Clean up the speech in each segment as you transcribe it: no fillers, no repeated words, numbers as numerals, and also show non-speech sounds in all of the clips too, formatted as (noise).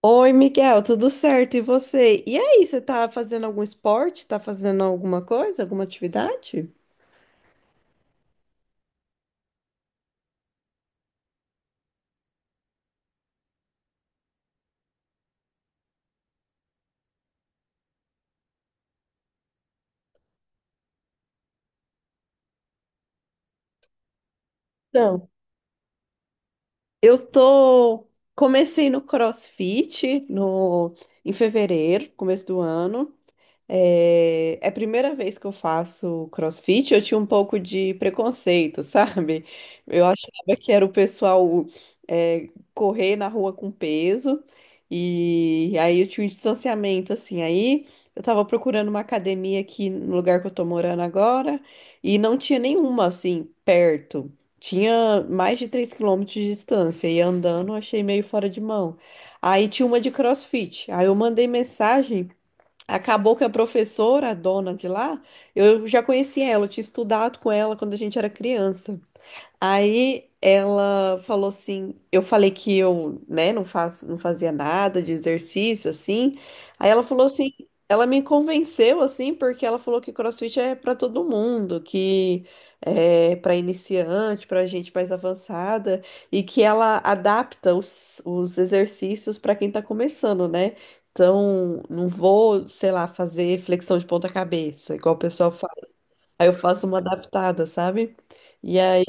Oi, Miguel, tudo certo? E você? E aí, você tá fazendo algum esporte? Tá fazendo alguma coisa, alguma atividade? Não. Eu tô Comecei no CrossFit no em fevereiro, começo do ano. É a primeira vez que eu faço CrossFit, eu tinha um pouco de preconceito, (laughs) sabe? Eu achava que era o pessoal é, correr na rua com peso, e aí eu tinha um distanciamento, assim. Aí eu tava procurando uma academia aqui no lugar que eu tô morando agora, e não tinha nenhuma, assim, perto. Tinha mais de 3 quilômetros de distância, e andando eu achei meio fora de mão. Aí tinha uma de CrossFit, aí eu mandei mensagem. Acabou que a professora, a dona de lá, eu já conhecia ela, eu tinha estudado com ela quando a gente era criança. Aí ela falou assim, eu falei que eu, né, não fazia nada de exercício assim. Aí ela falou assim, ela me convenceu assim, porque ela falou que CrossFit é para todo mundo, que é para iniciante, para gente mais avançada e que ela adapta os exercícios para quem tá começando, né? Então, não vou, sei lá, fazer flexão de ponta cabeça, igual o pessoal. Aí eu faço uma adaptada, sabe? E aí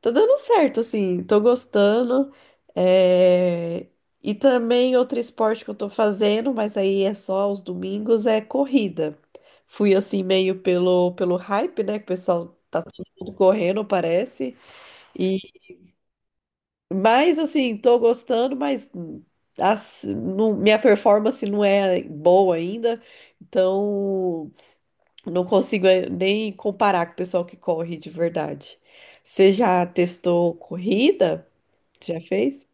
tá dando certo, assim, tô gostando. É, e também outro esporte que eu tô fazendo, mas aí é só aos domingos, é corrida. Fui assim meio pelo hype, né? Que o pessoal tá todo mundo correndo, parece. E mas assim, tô gostando, minha performance não é boa ainda. Então, não consigo nem comparar com o pessoal que corre de verdade. Você já testou corrida? Já fez?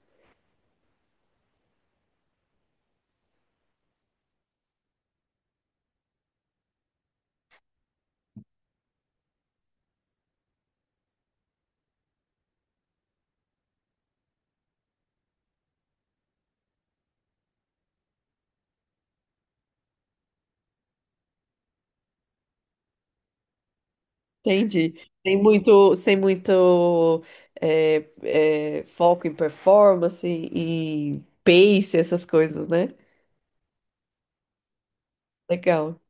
Entendi. Tem muito, sem muito foco em performance, em pace, essas coisas, né? Legal.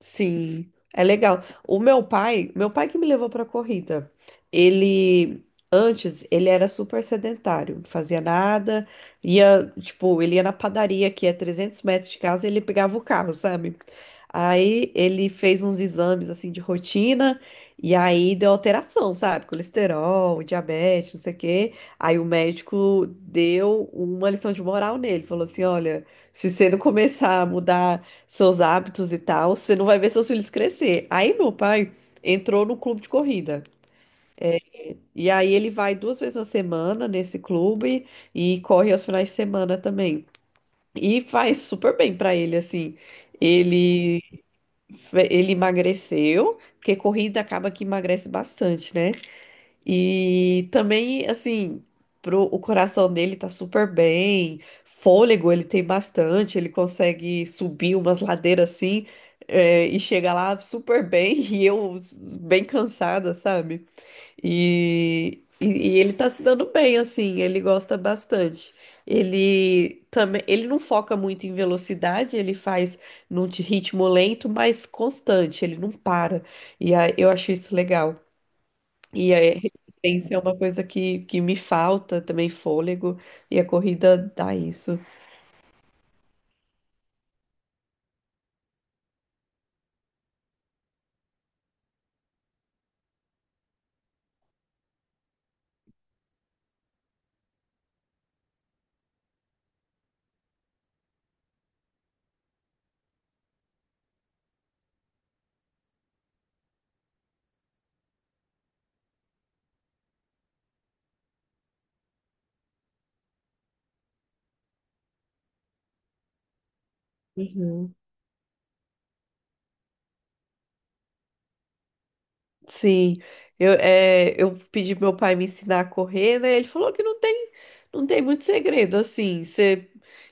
Sim, é legal. O meu pai que me levou pra corrida, ele antes ele era super sedentário, não fazia nada, ia, tipo, ele ia na padaria que é 300 metros de casa, e ele pegava o carro, sabe? Aí ele fez uns exames assim de rotina e aí deu alteração, sabe? Colesterol, diabetes, não sei o quê. Aí o médico deu uma lição de moral nele, falou assim: "Olha, se você não começar a mudar seus hábitos e tal, você não vai ver seus filhos crescer." Aí meu pai entrou no clube de corrida. E aí ele vai duas vezes na semana nesse clube e corre aos finais de semana também. E faz super bem pra ele, assim. Ele, ele emagreceu, porque corrida acaba que emagrece bastante, né? E também, assim, o coração dele tá super bem, fôlego ele tem bastante, ele consegue subir umas ladeiras assim, é, e chega lá super bem, (laughs) e eu bem cansada, sabe? E ele tá se dando bem, assim, ele gosta bastante. Ele também, ele não foca muito em velocidade, ele faz num ritmo lento, mas constante, ele não para. E aí, eu acho isso legal. E a resistência é uma coisa que me falta também, fôlego, e a corrida dá isso. Uhum. Sim, eu, é, eu pedi pro meu pai me ensinar a correr, né? Ele falou que não tem, não tem muito segredo, assim. Você,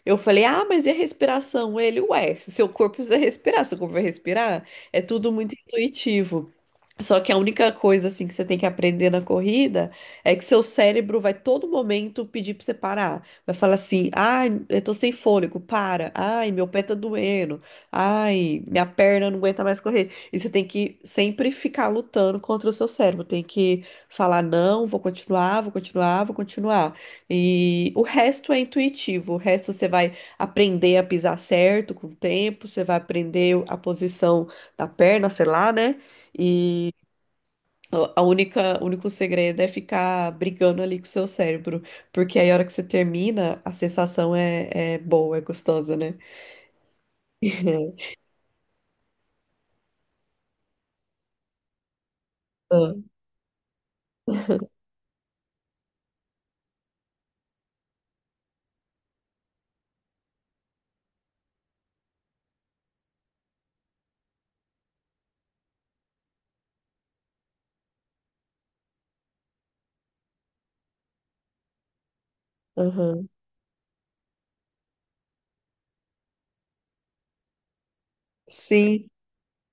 eu falei, ah, mas e a respiração? Ele, ué, seu corpo precisa respirar, seu corpo vai respirar. É tudo muito intuitivo. Só que a única coisa, assim, que você tem que aprender na corrida é que seu cérebro vai todo momento pedir pra você parar. Vai falar assim, ai, eu tô sem fôlego, para. Ai, meu pé tá doendo. Ai, minha perna não aguenta mais correr. E você tem que sempre ficar lutando contra o seu cérebro. Tem que falar, não, vou continuar, vou continuar, vou continuar. E o resto é intuitivo. O resto você vai aprender a pisar certo com o tempo, você vai aprender a posição da perna, sei lá, né? E o único segredo é ficar brigando ali com o seu cérebro. Porque aí a hora que você termina, a sensação é boa, é gostosa, né? (laughs) Aham. Sim.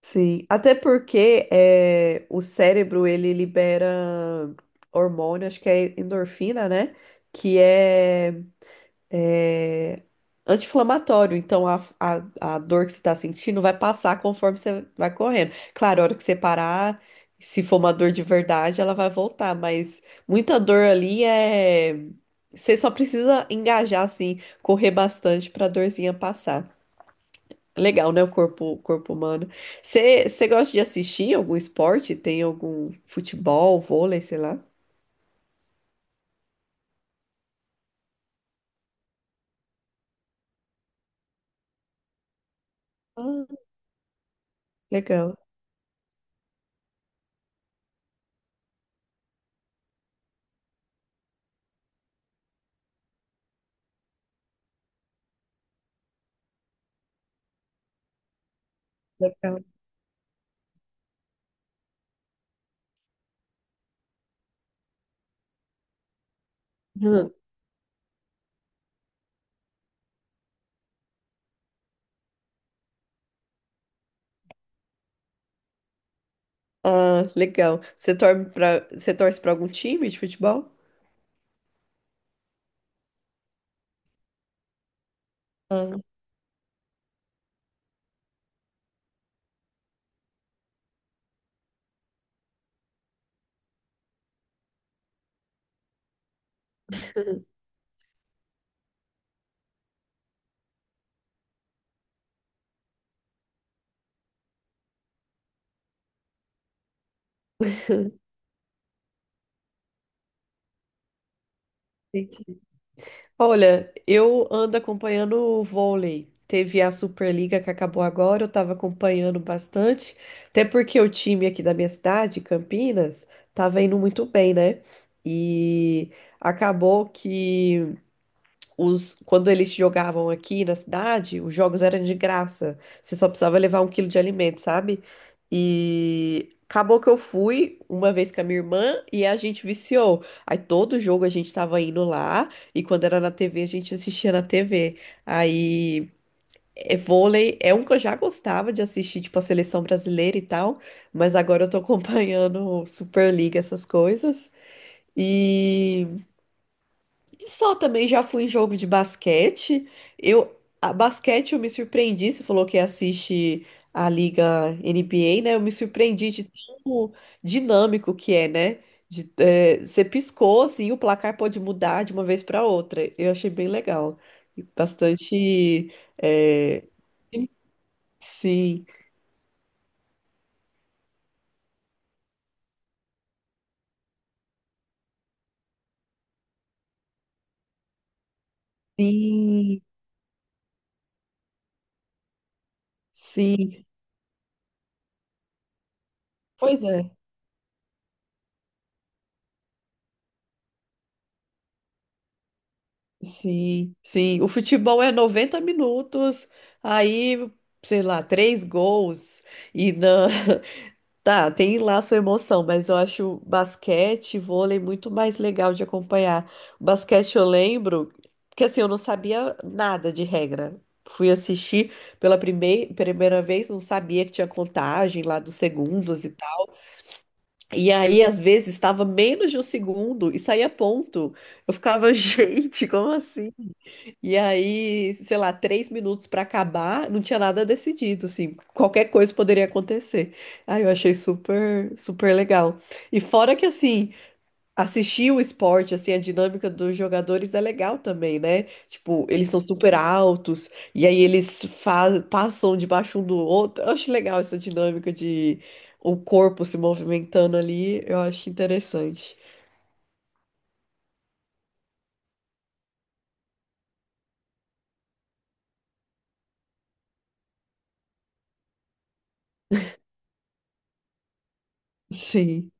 Sim, até porque é, o cérebro ele libera hormônio, acho que é endorfina, né? Que é anti-inflamatório. Então a dor que você está sentindo vai passar conforme você vai correndo. Claro, a hora que você parar, se for uma dor de verdade, ela vai voltar, mas muita dor ali é. Você só precisa engajar, assim, correr bastante para a dorzinha passar. Legal, né? O corpo humano. Você gosta de assistir algum esporte? Tem algum futebol, vôlei, sei lá? Ah, legal, legal. Hum. Ah, legal. Você torce para algum time de futebol? Ah, entendi. Olha, eu ando acompanhando o vôlei. Teve a Superliga que acabou agora, eu estava acompanhando bastante, até porque o time aqui da minha cidade, Campinas, tava indo muito bem, né? E acabou que os, quando eles jogavam aqui na cidade, os jogos eram de graça. Você só precisava levar 1 quilo de alimento, sabe? E acabou que eu fui uma vez com a minha irmã e a gente viciou. Aí todo jogo a gente tava indo lá e quando era na TV a gente assistia na TV. Aí é, vôlei é um que eu já gostava de assistir, tipo a seleção brasileira e tal, mas agora eu tô (laughs) acompanhando Superliga, essas coisas. E e só também já fui em jogo de basquete. Eu, a basquete eu me surpreendi, você falou que assiste a Liga NBA, né? Eu me surpreendi de tão dinâmico que é, né? De, é, você piscou, assim, o placar pode mudar de uma vez para outra. Eu achei bem legal. E bastante. É, sim, sim, sim. Pois é. Sim, sim. O futebol é 90 minutos, aí, sei lá, três gols e na... (laughs) Tá, tem lá sua emoção, mas eu acho basquete, vôlei muito mais legal de acompanhar. O basquete eu lembro, porque assim, eu não sabia nada de regra. Fui assistir pela primeira vez, não sabia que tinha contagem lá dos segundos e tal. E aí, às vezes, estava menos de 1 segundo e saía ponto. Eu ficava, (laughs) gente, como assim? E aí, sei lá, 3 minutos pra acabar, não tinha nada decidido, assim, qualquer coisa poderia acontecer. Aí eu achei super, super legal. E fora que, assim, assistir o esporte, assim, a dinâmica dos jogadores é legal também, né? Tipo, eles são super altos, e aí eles passam debaixo um do outro. Eu acho legal essa dinâmica de o corpo se movimentando ali, eu acho interessante. Sim.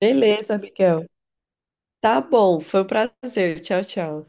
Beleza, Miguel. Tá bom, foi um prazer. Tchau, tchau.